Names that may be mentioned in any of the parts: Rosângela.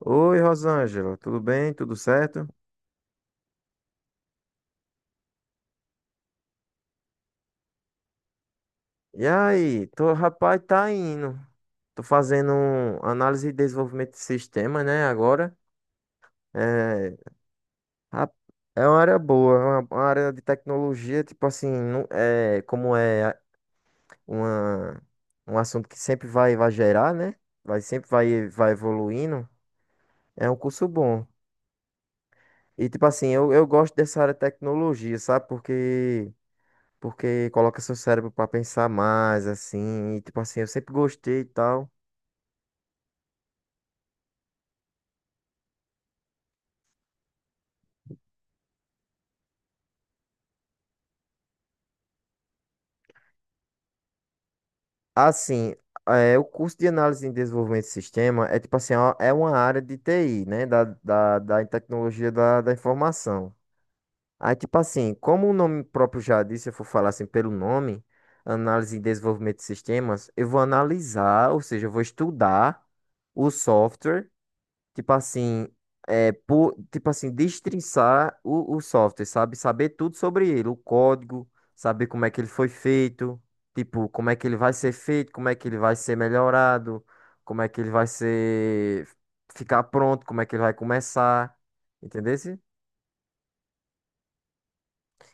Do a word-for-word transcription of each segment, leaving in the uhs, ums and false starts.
Oi, Rosângela, tudo bem? Tudo certo? E aí, tô, rapaz, tá indo. Tô fazendo um análise e desenvolvimento de sistema, né, agora. É, rap- é uma área boa, é uma, uma área de tecnologia, tipo assim, não, é, como é a- uma, um assunto que sempre vai, vai gerar, né? Vai, sempre vai, vai evoluindo. É um curso bom. E, tipo assim, eu, eu gosto dessa área de tecnologia, sabe? Porque Porque coloca seu cérebro pra pensar mais, assim, e tipo assim, eu sempre gostei e tal. Assim, é, o curso de análise e desenvolvimento de sistema é tipo assim, ó, é uma área de T I, né? Da, da, da tecnologia da, da informação. Aí, tipo assim, como o nome próprio já disse, se eu for falar assim pelo nome, análise e desenvolvimento de sistemas, eu vou analisar, ou seja, eu vou estudar o software. Tipo assim, é, por, tipo assim, destrinçar o, o software, sabe? Saber tudo sobre ele, o código, saber como é que ele foi feito, tipo, como é que ele vai ser feito, como é que ele vai ser melhorado, como é que ele vai ser, ficar pronto, como é que ele vai começar, entendeu?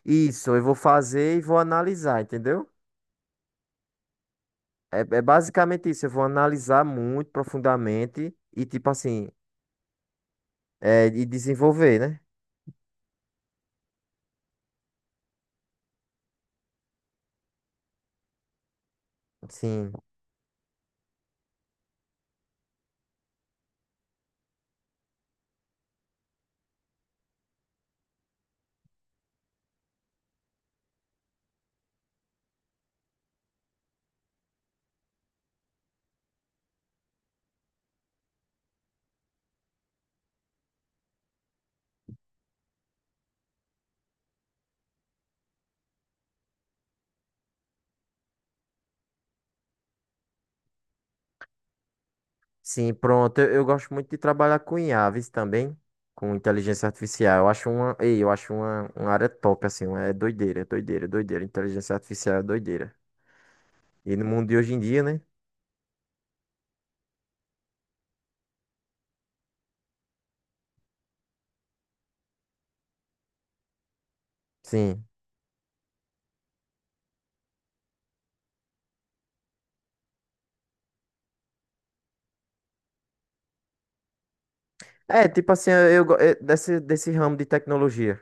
Isso, eu vou fazer e vou analisar, entendeu? É, é basicamente isso, eu vou analisar muito profundamente e, tipo assim, é, e desenvolver, né? Sim. Sim, pronto. Eu, eu gosto muito de trabalhar com I A, viu, também, com inteligência artificial. Eu acho uma, ei, eu acho uma, uma área top, assim, é doideira, doideira, doideira. Inteligência artificial é doideira. E no mundo de hoje em dia, né? Sim. É, tipo assim, eu, go- é, desse, desse ramo de tecnologia.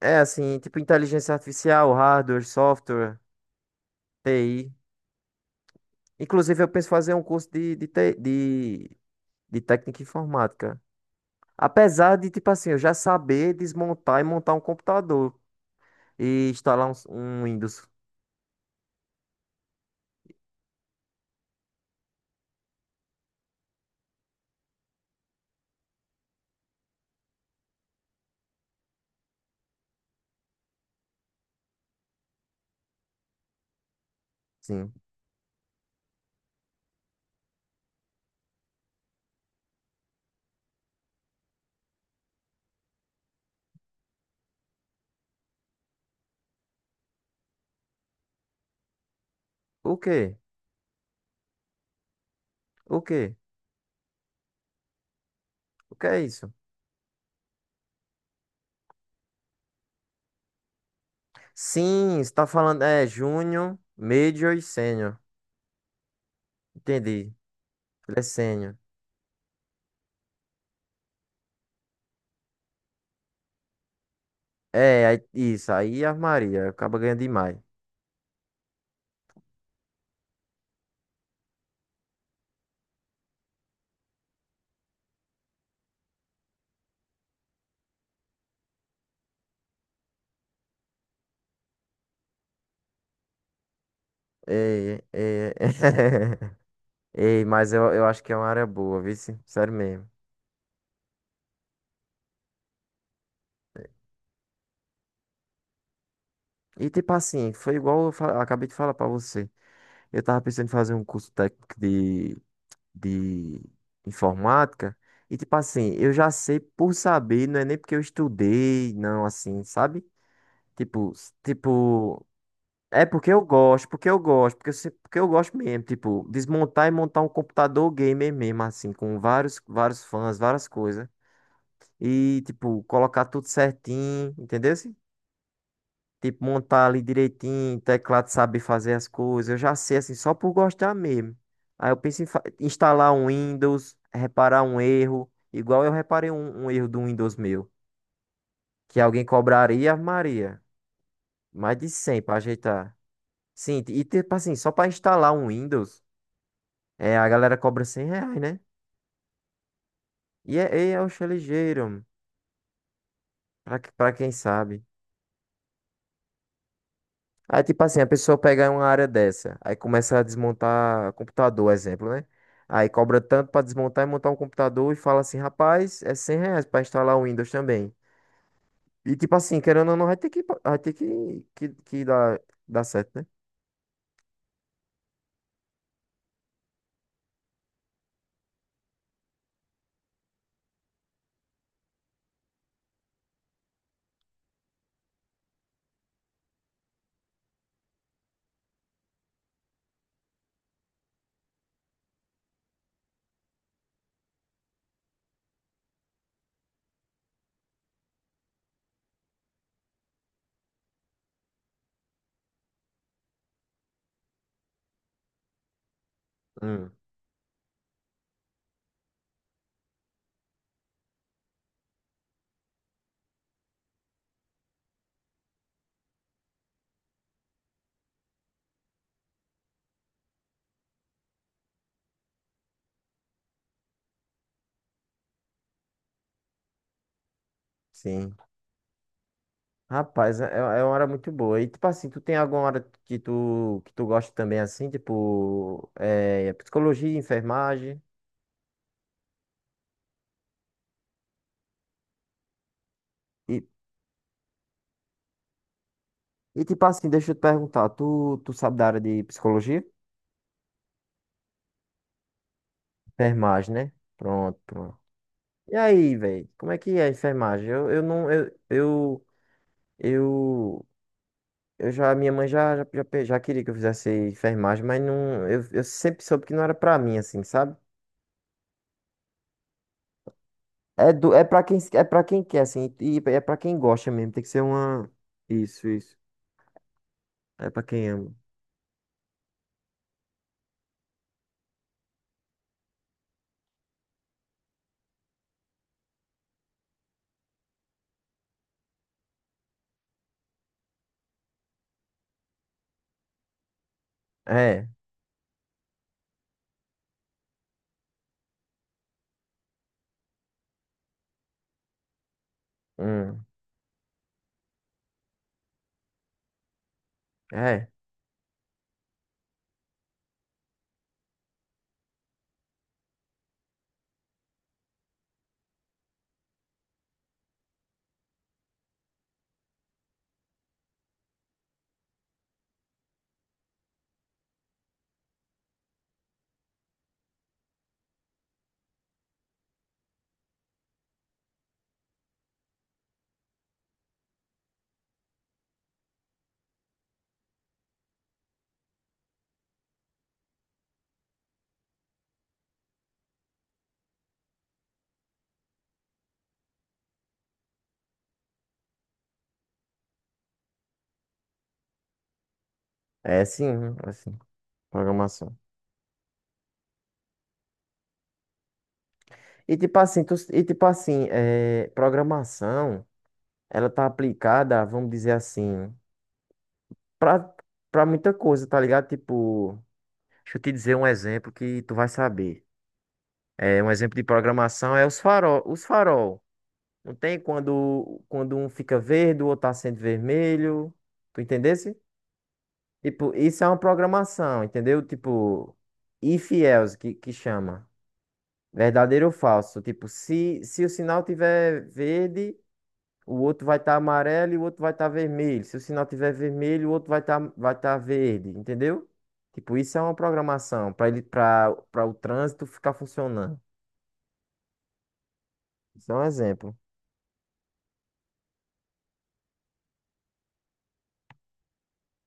É, assim, tipo inteligência artificial, hardware, software, T I. Inclusive, eu penso fazer um curso de, de, te- de, de técnica informática. Apesar de, tipo assim, eu já saber desmontar e montar um computador. E instalar um, um Windows. Sim. O quê? O quê? O que é isso? Sim, está falando é Júnior, Major e Sênior. Entendi. Ele é Sênior. É, aí- isso. Aí a Maria acaba ganhando demais. É, é, Ei, mas eu, eu acho que é uma área boa, viu? se- Sério mesmo. E tipo assim, foi igual eu fa- acabei de falar pra você. Eu tava pensando em fazer um curso técnico de de informática. E tipo assim, eu já sei por saber, não é nem porque eu estudei, não, assim, sabe? Tipo, s- tipo, é porque eu gosto, porque eu gosto, porque eu, se- porque eu gosto mesmo, tipo, desmontar e montar um computador gamer mesmo, assim, com vários, vários fãs, várias coisas. E, tipo, colocar tudo certinho, entendeu? Tipo, montar ali direitinho, teclado saber fazer as coisas. Eu já sei, assim, só por gostar mesmo. Aí eu penso em fa- instalar um Windows, reparar um erro, igual eu reparei um, um erro do Windows meu, que alguém cobraria, Ave Maria, mais de cem pra ajeitar. Sim, e tipo assim, só pra instalar um Windows, é, a galera cobra cem reais, né? E é, é, é ligeiro, mano, pra, que- pra quem sabe. Aí, tipo assim, a pessoa pega uma área dessa, aí começa a desmontar computador, exemplo, né? Aí cobra tanto pra desmontar e montar um computador e fala assim, rapaz, é cem reais pra instalar o Windows também. E tipo assim, querendo ou não, vai ter que, vai ter que, que, que dar, dar certo, né? Hum. Sim. Rapaz, é, é uma hora muito boa. E tipo assim, tu tem alguma hora que tu, que tu gosta também assim, tipo, é, psicologia, enfermagem? E, e tipo assim, deixa eu te perguntar, tu, tu sabe da área de psicologia? Enfermagem, né? Pronto, pronto. E aí, velho? Como é que é a enfermagem? Eu, eu não, eu, eu, eu, eu já, minha mãe já, já, já pe- já queria que eu fizesse enfermagem, mas não, eu, eu sempre soube que não era pra mim, assim, sabe? É, do, é pra quem, é pra quem quer, assim, e é pra quem gosta mesmo, tem que ser uma... Isso, isso. É pra quem ama. É, hum, é, é sim, hum, assim, programação. E tipo assim, tu, e tipo assim, é, programação, ela tá aplicada, vamos dizer assim... pra, pra muita coisa, tá ligado? Tipo, deixa eu te dizer um exemplo que tu vai saber. É, um exemplo de programação é os farol, os farol. Não tem quando, quando um fica verde, o outro acende vermelho. Tu entendesse? Tipo, isso é uma programação, entendeu? Tipo, if else, que, que chama. Verdadeiro ou falso? Tipo, se, se o sinal tiver verde, o outro vai estar amarelo e o outro vai estar vermelho. Se o sinal tiver vermelho, o outro vai estar vai tá verde, entendeu? Tipo, isso é uma programação para ele para para o trânsito ficar funcionando. Isso é um exemplo.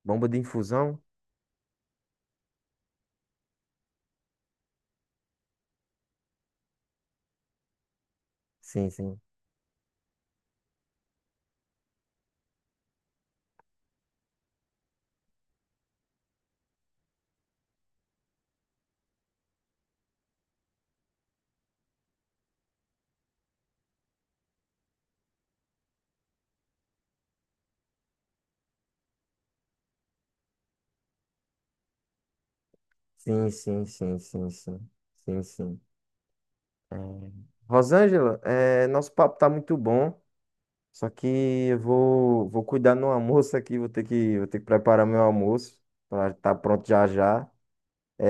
Bomba de infusão? Sim, sim. Sim, sim, sim, sim, sim. Sim, sim. É. Rosângela, é, nosso papo tá muito bom. Só que eu vou, vou cuidar no almoço aqui, vou ter que, vou ter que preparar meu almoço para estar pronto já já.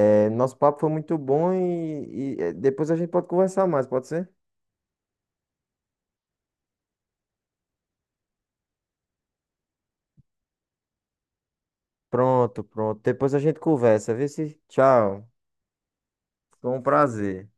É, nosso papo foi muito bom e, e, é, depois a gente pode conversar mais, pode ser? Pronto, pronto. Depois a gente conversa. Vê se. Tchau. Foi um prazer.